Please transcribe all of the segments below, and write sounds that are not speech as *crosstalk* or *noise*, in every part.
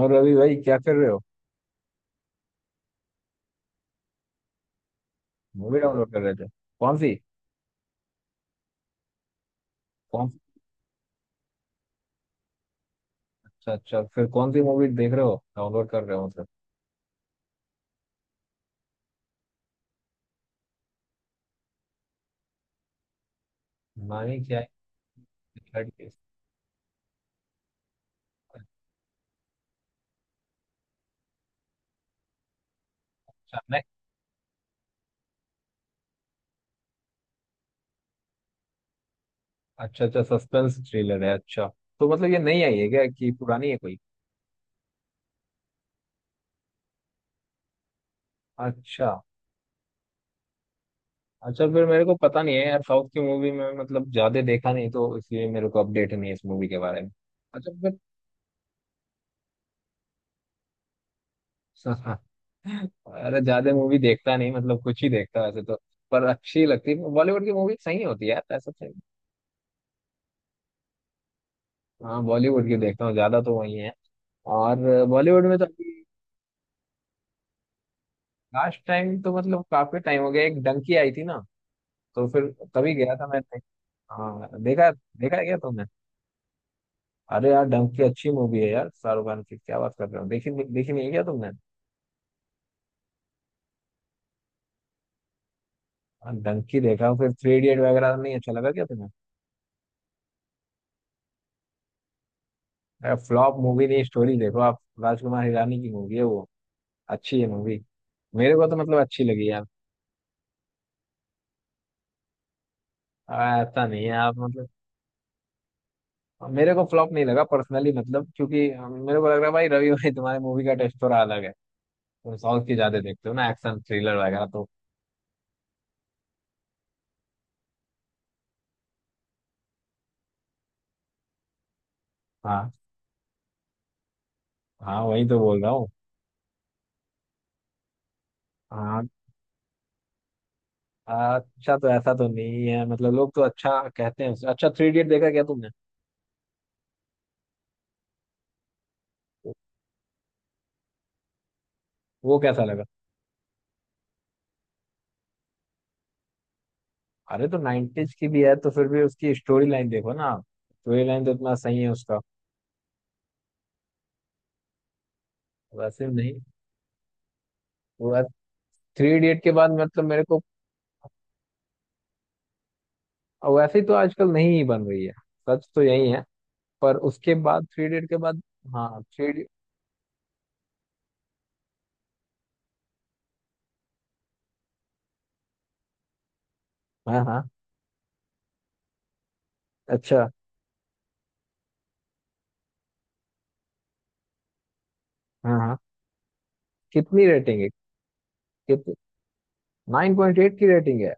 और रवि भाई क्या कर रहे हो? मूवी डाउनलोड कर रहे थे? कौन सी? कौन सी? अच्छा अच्छा, फिर कौन सी मूवी देख रहे हो, डाउनलोड कर रहे हो मतलब? मानी क्या है? लड़की? अच्छा। नहीं, अच्छा अच्छा, सस्पेंस थ्रिलर है। अच्छा तो मतलब ये नई आई है क्या कि पुरानी है कोई? अच्छा अच्छा फिर मेरे को पता नहीं है यार, साउथ की मूवी में मतलब ज्यादा देखा नहीं, तो इसलिए मेरे को अपडेट नहीं है इस मूवी के बारे में। अच्छा फिर। *laughs* अरे ज्यादा मूवी देखता नहीं, मतलब कुछ ही देखता वैसे तो। पर अच्छी लगती है बॉलीवुड की मूवी, सही होती है यार ऐसा। हाँ, बॉलीवुड की देखता हूँ ज्यादा, तो वही है। और बॉलीवुड में तो अभी लास्ट टाइम तो मतलब काफी टाइम हो गया, एक डंकी आई थी ना, तो फिर तभी गया था मैं। हाँ देखा। देखा है क्या तुमने? अरे यार डंकी अच्छी मूवी है यार, शाहरुख खान की, क्या बात कर रहे हो, देखी देखी नहीं है क्या तुमने? हाँ, डंकी देखा, फिर थ्री इडियट वगैरह नहीं अच्छा लगा क्या तुम्हें? अरे फ्लॉप मूवी नहीं, स्टोरी देखो आप। राजकुमार हिरानी की मूवी है वो, अच्छी है मूवी। मेरे को तो मतलब अच्छी लगी यार। ऐसा नहीं है आप मतलब। मेरे को फ्लॉप नहीं लगा पर्सनली, मतलब क्योंकि मेरे को लग रहा है भाई, रवि भाई तुम्हारे मूवी का टेस्ट थोड़ा अलग है। तुम साउथ की ज्यादा देखते हो ना, एक्शन थ्रिलर वगैरह तो। हाँ। हाँ वही तो बोल रहा हूँ। हाँ। अच्छा तो ऐसा तो नहीं है मतलब, लोग तो अच्छा कहते हैं उसे। अच्छा, थ्री इडियट देखा क्या तुमने? वो कैसा लगा? अरे तो 90s की भी है तो फिर भी उसकी स्टोरी लाइन देखो ना आप, स्टोरी लाइन तो इतना सही है उसका। वैसे भी नहीं। वो थ्री इडियट के बाद मतलब मेरे को, वैसे ही तो आजकल नहीं ही बन रही है। सच तो यही है। पर उसके बाद, थ्री इडियट के बाद। हाँ थ्री इडियट। हाँ हाँ। अच्छा। हाँ हाँ। कितनी रेटिंग है? कितनी? नाइन पॉइंट एट की रेटिंग है?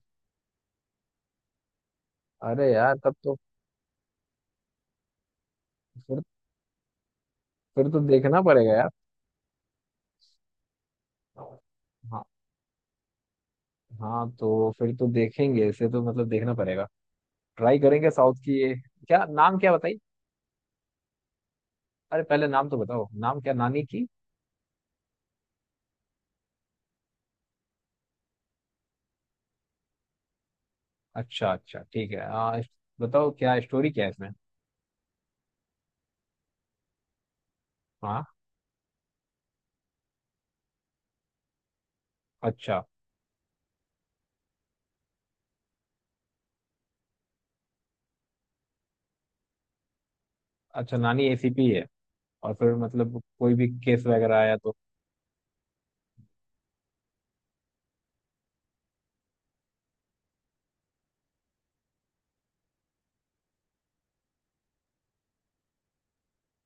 अरे यार तब तो। फिर तो देखना पड़ेगा यार। हाँ। हाँ तो फिर तो देखेंगे इसे, तो मतलब देखना पड़ेगा। ट्राई करेंगे साउथ की ये। क्या नाम, क्या बताई? अरे पहले नाम तो बताओ, नाम क्या नानी की? अच्छा अच्छा, ठीक है। बताओ क्या स्टोरी क्या है इसमें? हाँ। अच्छा अच्छा, नानी एसीपी है, और फिर मतलब कोई भी केस वगैरह आया तो।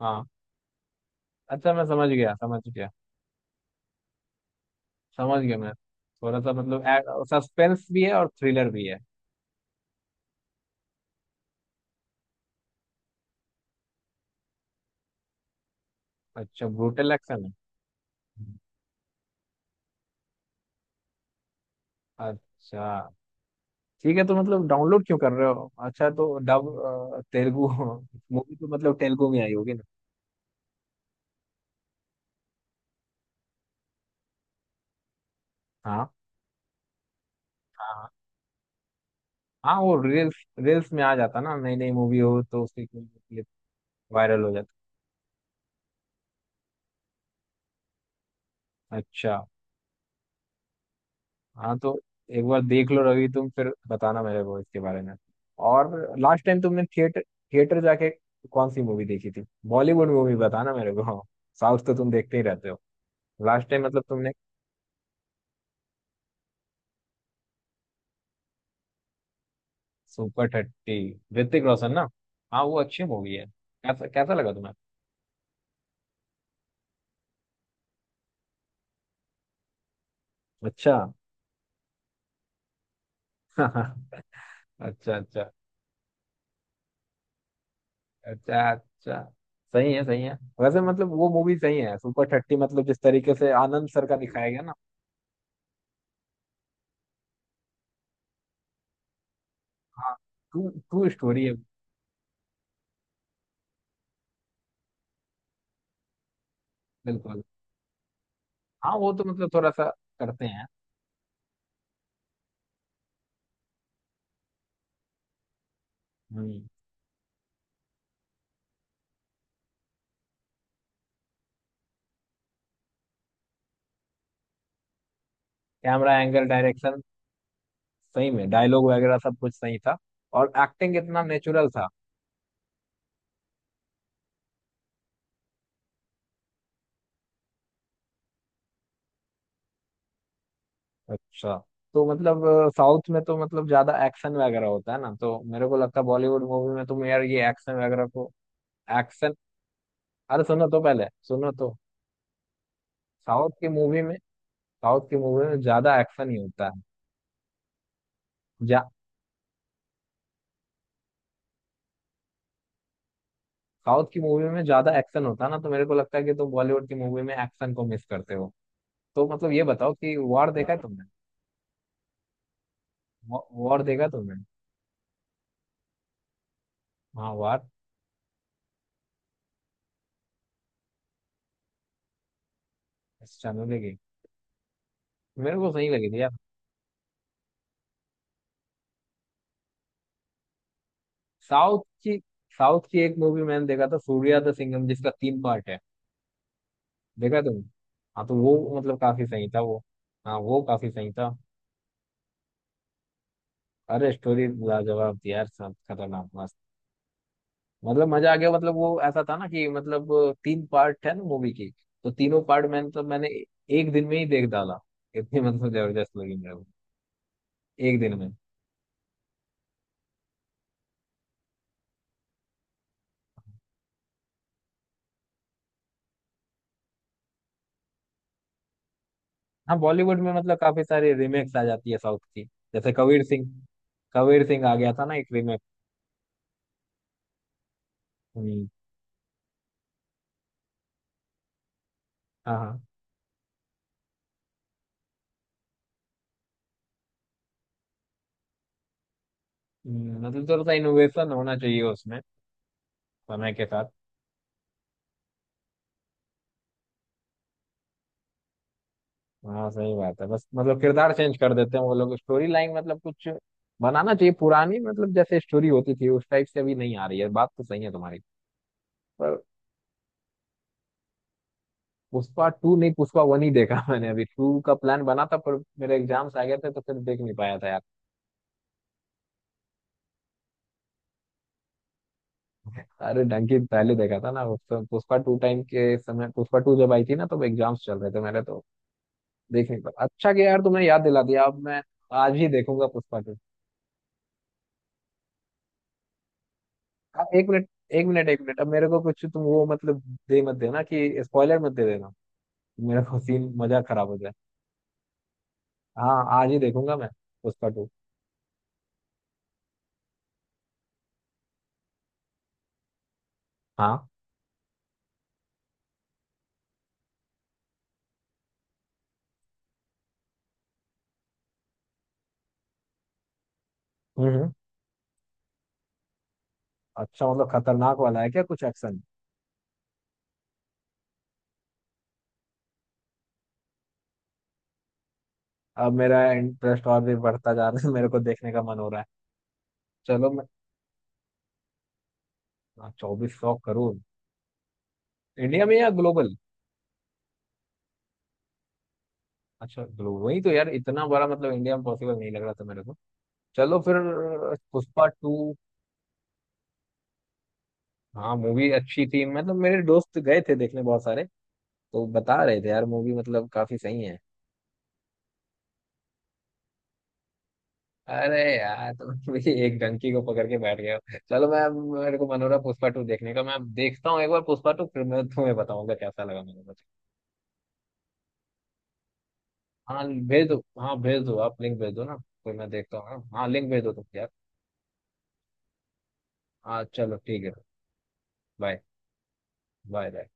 हाँ अच्छा, मैं समझ गया, समझ गया। समझ गया मैं, थोड़ा सा मतलब सस्पेंस भी है और थ्रिलर भी है। अच्छा, ब्रूटल एक्शन है। अच्छा ठीक है, तो मतलब डाउनलोड क्यों कर रहे हो? अच्छा तो डब तेलुगु *laughs* मूवी तो मतलब तेलुगु में आई होगी ना? हाँ हाँ। हाँ वो रील्स रील्स में आ जाता ना नई नई मूवी हो तो उसके, वायरल हो जाता। अच्छा। हाँ तो एक बार देख लो रवि तुम, फिर बताना मेरे को इसके बारे में। और लास्ट टाइम तुमने थिएटर थिएटर जाके कौन सी मूवी देखी थी? बॉलीवुड मूवी बताना मेरे को, साउथ तो तुम देखते ही रहते हो। लास्ट टाइम मतलब तुमने, सुपर थर्टी, ऋतिक रोशन ना? हाँ वो अच्छी मूवी है। कैसा कैसा लगा तुम्हें? अच्छा। *laughs* अच्छा अच्छा। अच्छा अच्छा। सही है, सही है। वैसे मतलब वो मूवी सही है सुपर थर्टी, मतलब जिस तरीके से आनंद सर का दिखाया गया ना। हाँ। ट्रू ट्रू स्टोरी है। बिल्कुल। हाँ वो तो मतलब थोड़ा सा करते हैं। हम्म। कैमरा एंगल, डायरेक्शन, सही में डायलॉग वगैरह सब कुछ सही था। और एक्टिंग इतना नेचुरल था। अच्छा। तो मतलब साउथ में तो मतलब ज्यादा एक्शन वगैरह होता है ना, तो मेरे को लगता है बॉलीवुड मूवी में तुम यार ये एक्शन वगैरह को। एक्शन। अरे सुनो तो, पहले सुनो तो। साउथ की मूवी में साउथ की मूवी में ज्यादा एक्शन ही होता है। जा। साउथ की मूवी में ज्यादा एक्शन होता है ना, तो मेरे को लगता है कि तुम बॉलीवुड की मूवी में एक्शन को मिस करते हो। तो मतलब ये बताओ कि वॉर देखा है तुमने? वॉर देखा तुमने? हाँ वार। चैनल की। मेरे को सही लगी थी यार। साउथ की साउथ की एक मूवी मैंने देखा था सूर्या द सिंघम, जिसका तीन पार्ट है। देखा तुमने? हाँ तो वो मतलब काफी सही था वो। हाँ वो काफी सही था। अरे स्टोरी लाजवाब थी यार, सब खतरनाक मस्त। मतलब मजा आ गया, मतलब वो ऐसा था ना कि मतलब, तीन पार्ट है ना मूवी की, तो तीनों पार्ट मैंने एक दिन में ही देख डाला, इतनी मतलब जबरदस्त लगी मेरे को। एक दिन में। हाँ बॉलीवुड में मतलब काफी सारी रीमेक्स आ जाती है साउथ की। जैसे कबीर सिंह, आ गया था ना एक रीमेक। हम्म। हाँ हाँ। मतलब थोड़ा सा इनोवेशन होना चाहिए उसमें, समय के साथ। हाँ सही बात है, बस मतलब किरदार चेंज कर देते हैं वो लोग, स्टोरी लाइन मतलब कुछ बनाना चाहिए। पुरानी मतलब जैसे स्टोरी होती थी उस टाइप से अभी नहीं आ रही है, बात तो सही है तुम्हारी। पर पुष्पा टू नहीं, पुष्पा वन ही देखा मैंने, अभी टू का प्लान बना था पर मेरे एग्जाम्स आ गए थे तो फिर देख नहीं पाया था यार। अरे डंकी पहले देखा था ना पुष्पा टू टाइम के समय, पुष्पा टू जब आई थी ना तो एग्जाम्स चल रहे थे मेरे, तो देख नहीं पाया। अच्छा कि यार तुमने याद दिला दिया, अब मैं आज ही देखूंगा पुष्पा टू। हाँ, एक मिनट, एक मिनट एक मिनट, अब मेरे को कुछ तुम वो मतलब दे मत देना कि स्पॉइलर मत दे देना, मेरा को सीन मजा खराब हो जाए। हाँ आज ही देखूंगा मैं, पुष्पा टू। हाँ। हम्म हम्म। अच्छा मतलब खतरनाक वाला है क्या कुछ एक्शन? अब मेरा इंटरेस्ट और भी बढ़ता जा रहा है, मेरे को देखने का मन हो रहा है। चलो मैं। हाँ, चौबीस सौ करोड़। इंडिया में या ग्लोबल? अच्छा ग्लो, वही तो यार इतना बड़ा मतलब इंडिया में पॉसिबल नहीं लग रहा था मेरे को। चलो फिर, पुष्पा टू। हाँ मूवी अच्छी थी मतलब, मेरे दोस्त गए थे देखने बहुत सारे, तो बता रहे थे यार मूवी मतलब काफी सही है। अरे यार तुम *laughs* भी एक डंकी को पकड़ के बैठ गए हो। चलो मैं, अब मेरे को मन हो रहा है पुष्पा टू देखने का, मैं अब देखता हूँ एक बार पुष्पा टू, फिर मैं तुम्हें बताऊंगा कैसा लगा मेरे को। हाँ भेज दो, हाँ भेज दो आप, लिंक भेज दो ना, फिर मैं देखता हूँ। हाँ लिंक भेज दो तुम यार। हाँ चलो ठीक है। बाय। Bye bye.